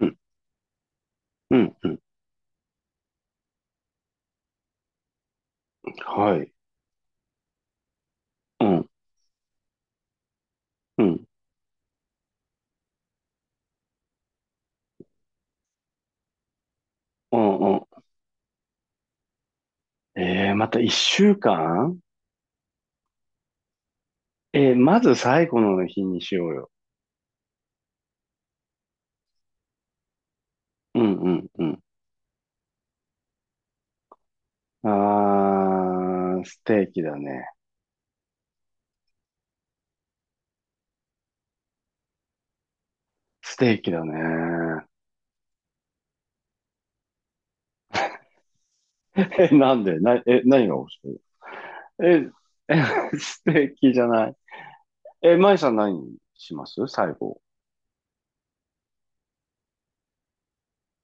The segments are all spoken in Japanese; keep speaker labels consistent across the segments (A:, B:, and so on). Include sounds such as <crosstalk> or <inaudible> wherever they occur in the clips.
A: うん、うん、うん。はい。うん、うん、うん、うん。また一週間。まず最後の日にしようよ。うん、うん、うん。あー、ステーキだね。ステーキだね。<laughs> なんでな、何が欲しい？え、え、<laughs> ステーキじゃない。え、マイさん何します最後？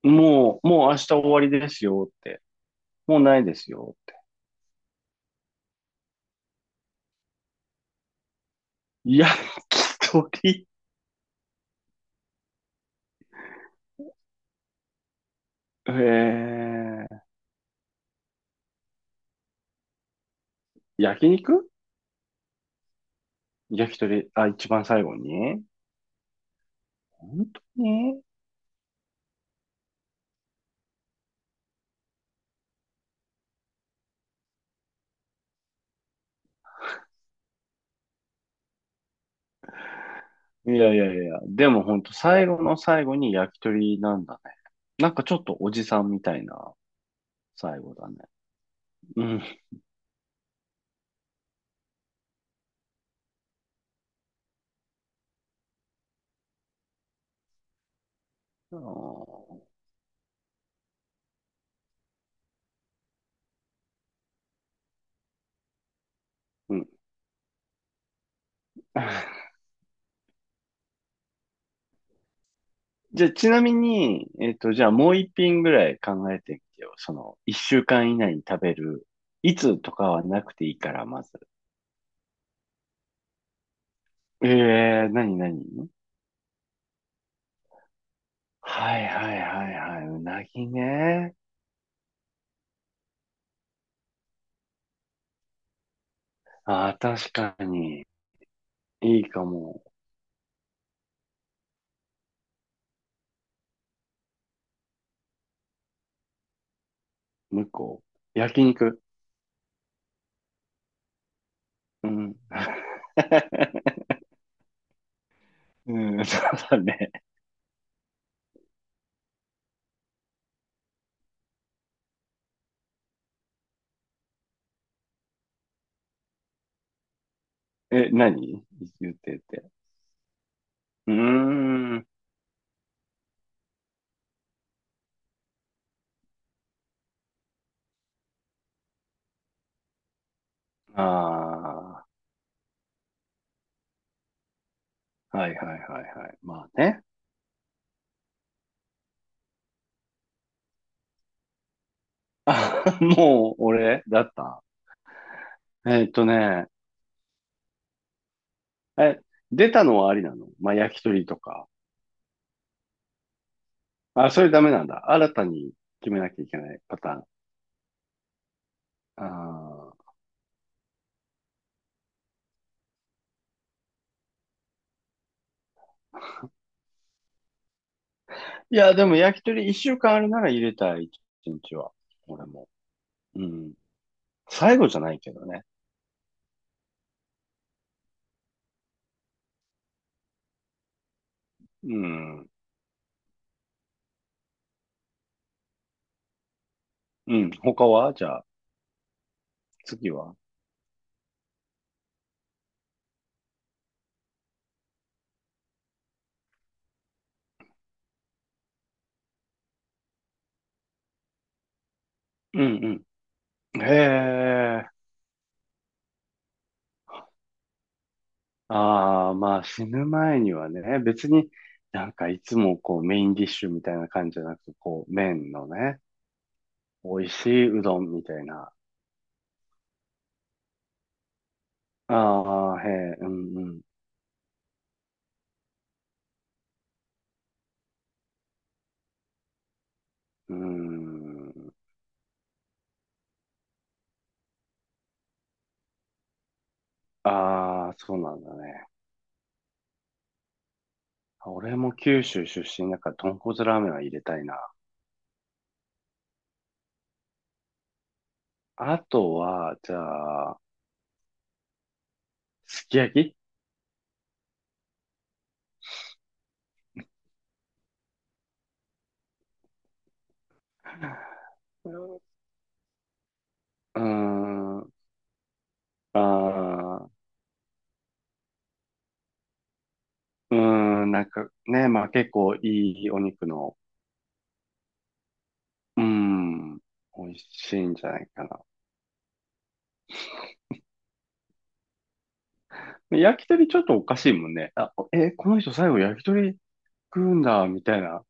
A: もう明日終わりですよって。もうないですよって。焼き鳥。えー、焼肉、焼き鳥、あ、一番最後に本当に？いやいやいや、でも本当最後の最後に焼き鳥なんだね。なんかちょっとおじさんみたいな最後だね。うん。あー、うん。<laughs> じゃあ、ちなみに、じゃあもう一品ぐらい考えてみてよ。その、一週間以内に食べる。いつとかはなくていいから、まず。ええー、なになに？はいはいはいはい。うなぎね。ああ、確かに。いいかも。もう一個、焼肉。うん。<laughs> うん、<laughs> そうだね。え、何言ってて。うーん。ああ、はいはいはいはい。まあね。あ、もう俺だった。ね、え、出たのはありなの、まあ焼き鳥とか。あ、それダメなんだ。新たに決めなきゃいけないパターン。ああ。いや、でも焼き鳥一週間あるなら入れたい、一日は。俺も。うん。最後じゃないけどね。うん。うん。他はじゃあ、次は？うんうん。へえ。ああ、まあ死ぬ前にはね、別になんかいつもこうメインディッシュみたいな感じじゃなくて、こう麺のね、美味しいうどんみたいな。ああ、へえ、うんうん。うーん。ああ、そうなんだね。俺も九州出身だから豚骨ラーメンは入れたいな。あとは、じゃあ、すき焼き。 <laughs> うーん。あ、うーん、なんかね、まあ結構いいお肉の、うーん、美味しいんじゃないかな。で焼き鳥ちょっとおかしいもんね。あ、え、この人最後焼き鳥食うんだ、みたいな。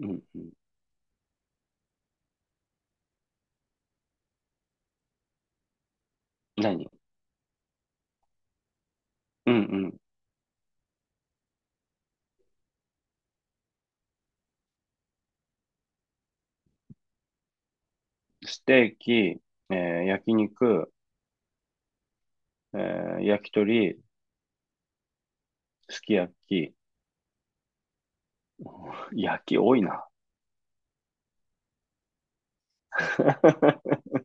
A: うんうん。何？うんうん。ステーキ、えー焼肉、えー焼き鳥、すき焼き。焼き多いな。<laughs>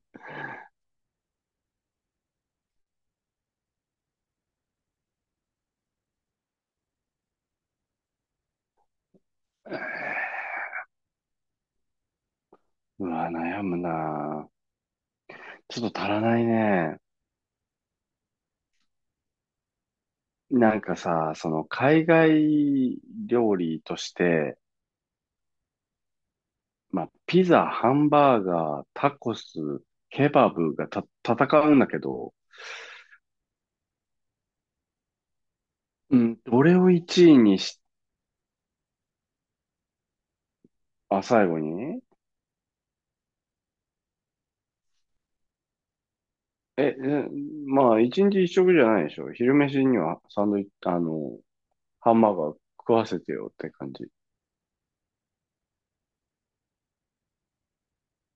A: うわ、悩むな。ちょっと足らないね。なんかさ、その海外料理として、まあ、ピザ、ハンバーガー、タコス、ケバブがた戦うんだけど、うん。どれを1位にし、あ、最後に。え、え、まあ、1日一食じゃないでしょ。昼飯にはサンドイッチ、あの、ハンバーガー食わせてよって感じ。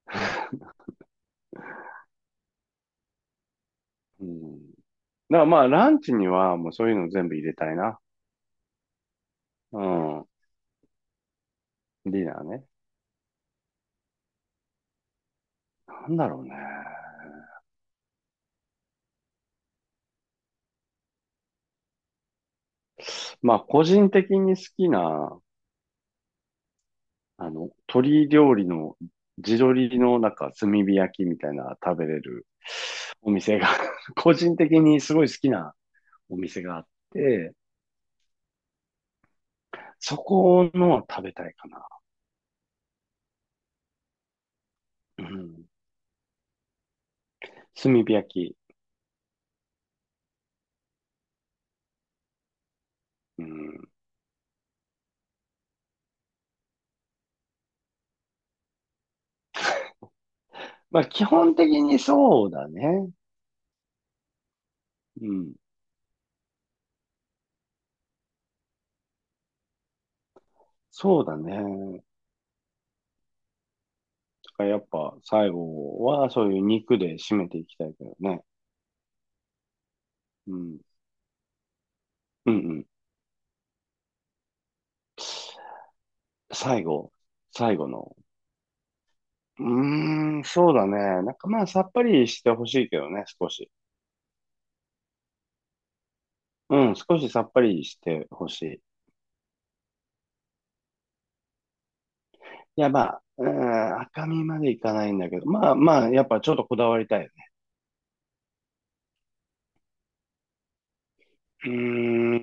A: <laughs> うん。だからまあ、ランチにはもうそういうの全部入れたいな。うん。ディナーね。なんだろうね。まあ、個人的に好きなあの、鶏料理の地鶏のなんか炭火焼きみたいな食べれるお店が <laughs> 個人的にすごい好きなお店があって、そこの食べたいかな。うん。炭火焼き。うん。まあ基本的にそうだね。うん。そうだね。だからやっぱ最後はそういう肉で締めていきたいけどね。うん。うんうん。最後、最後の。うーん、そうだね。なんかまあ、さっぱりしてほしいけどね、少し。うん、少しさっぱりしてほしい。いや、まあ、うーん、赤身までいかないんだけど、まあまあ、やっぱちょっとこだわりたいよね。うーん、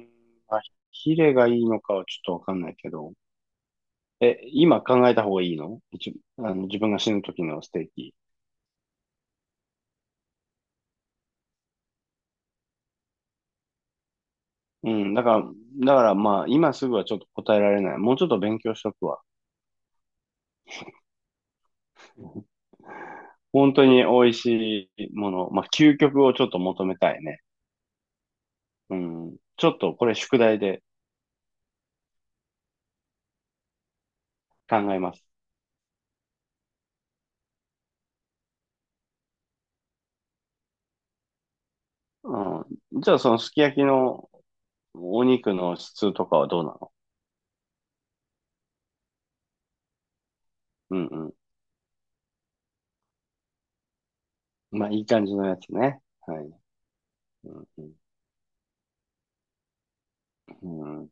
A: まあ、ヒレがいいのかはちょっとわかんないけど。え、今考えた方がいいの？一あの自分が死ぬ時のステーキ。うん、だから、だからまあ、今すぐはちょっと答えられない。もうちょっと勉強しとくわ。本当に美味しいもの、まあ、究極をちょっと求めたいね。うん。ちょっとこれ宿題で考えます。うん。じゃあそのすき焼きのお肉の質とかはどうなの？うんうん。まあいい感じのやつね。はい。うんうん。うん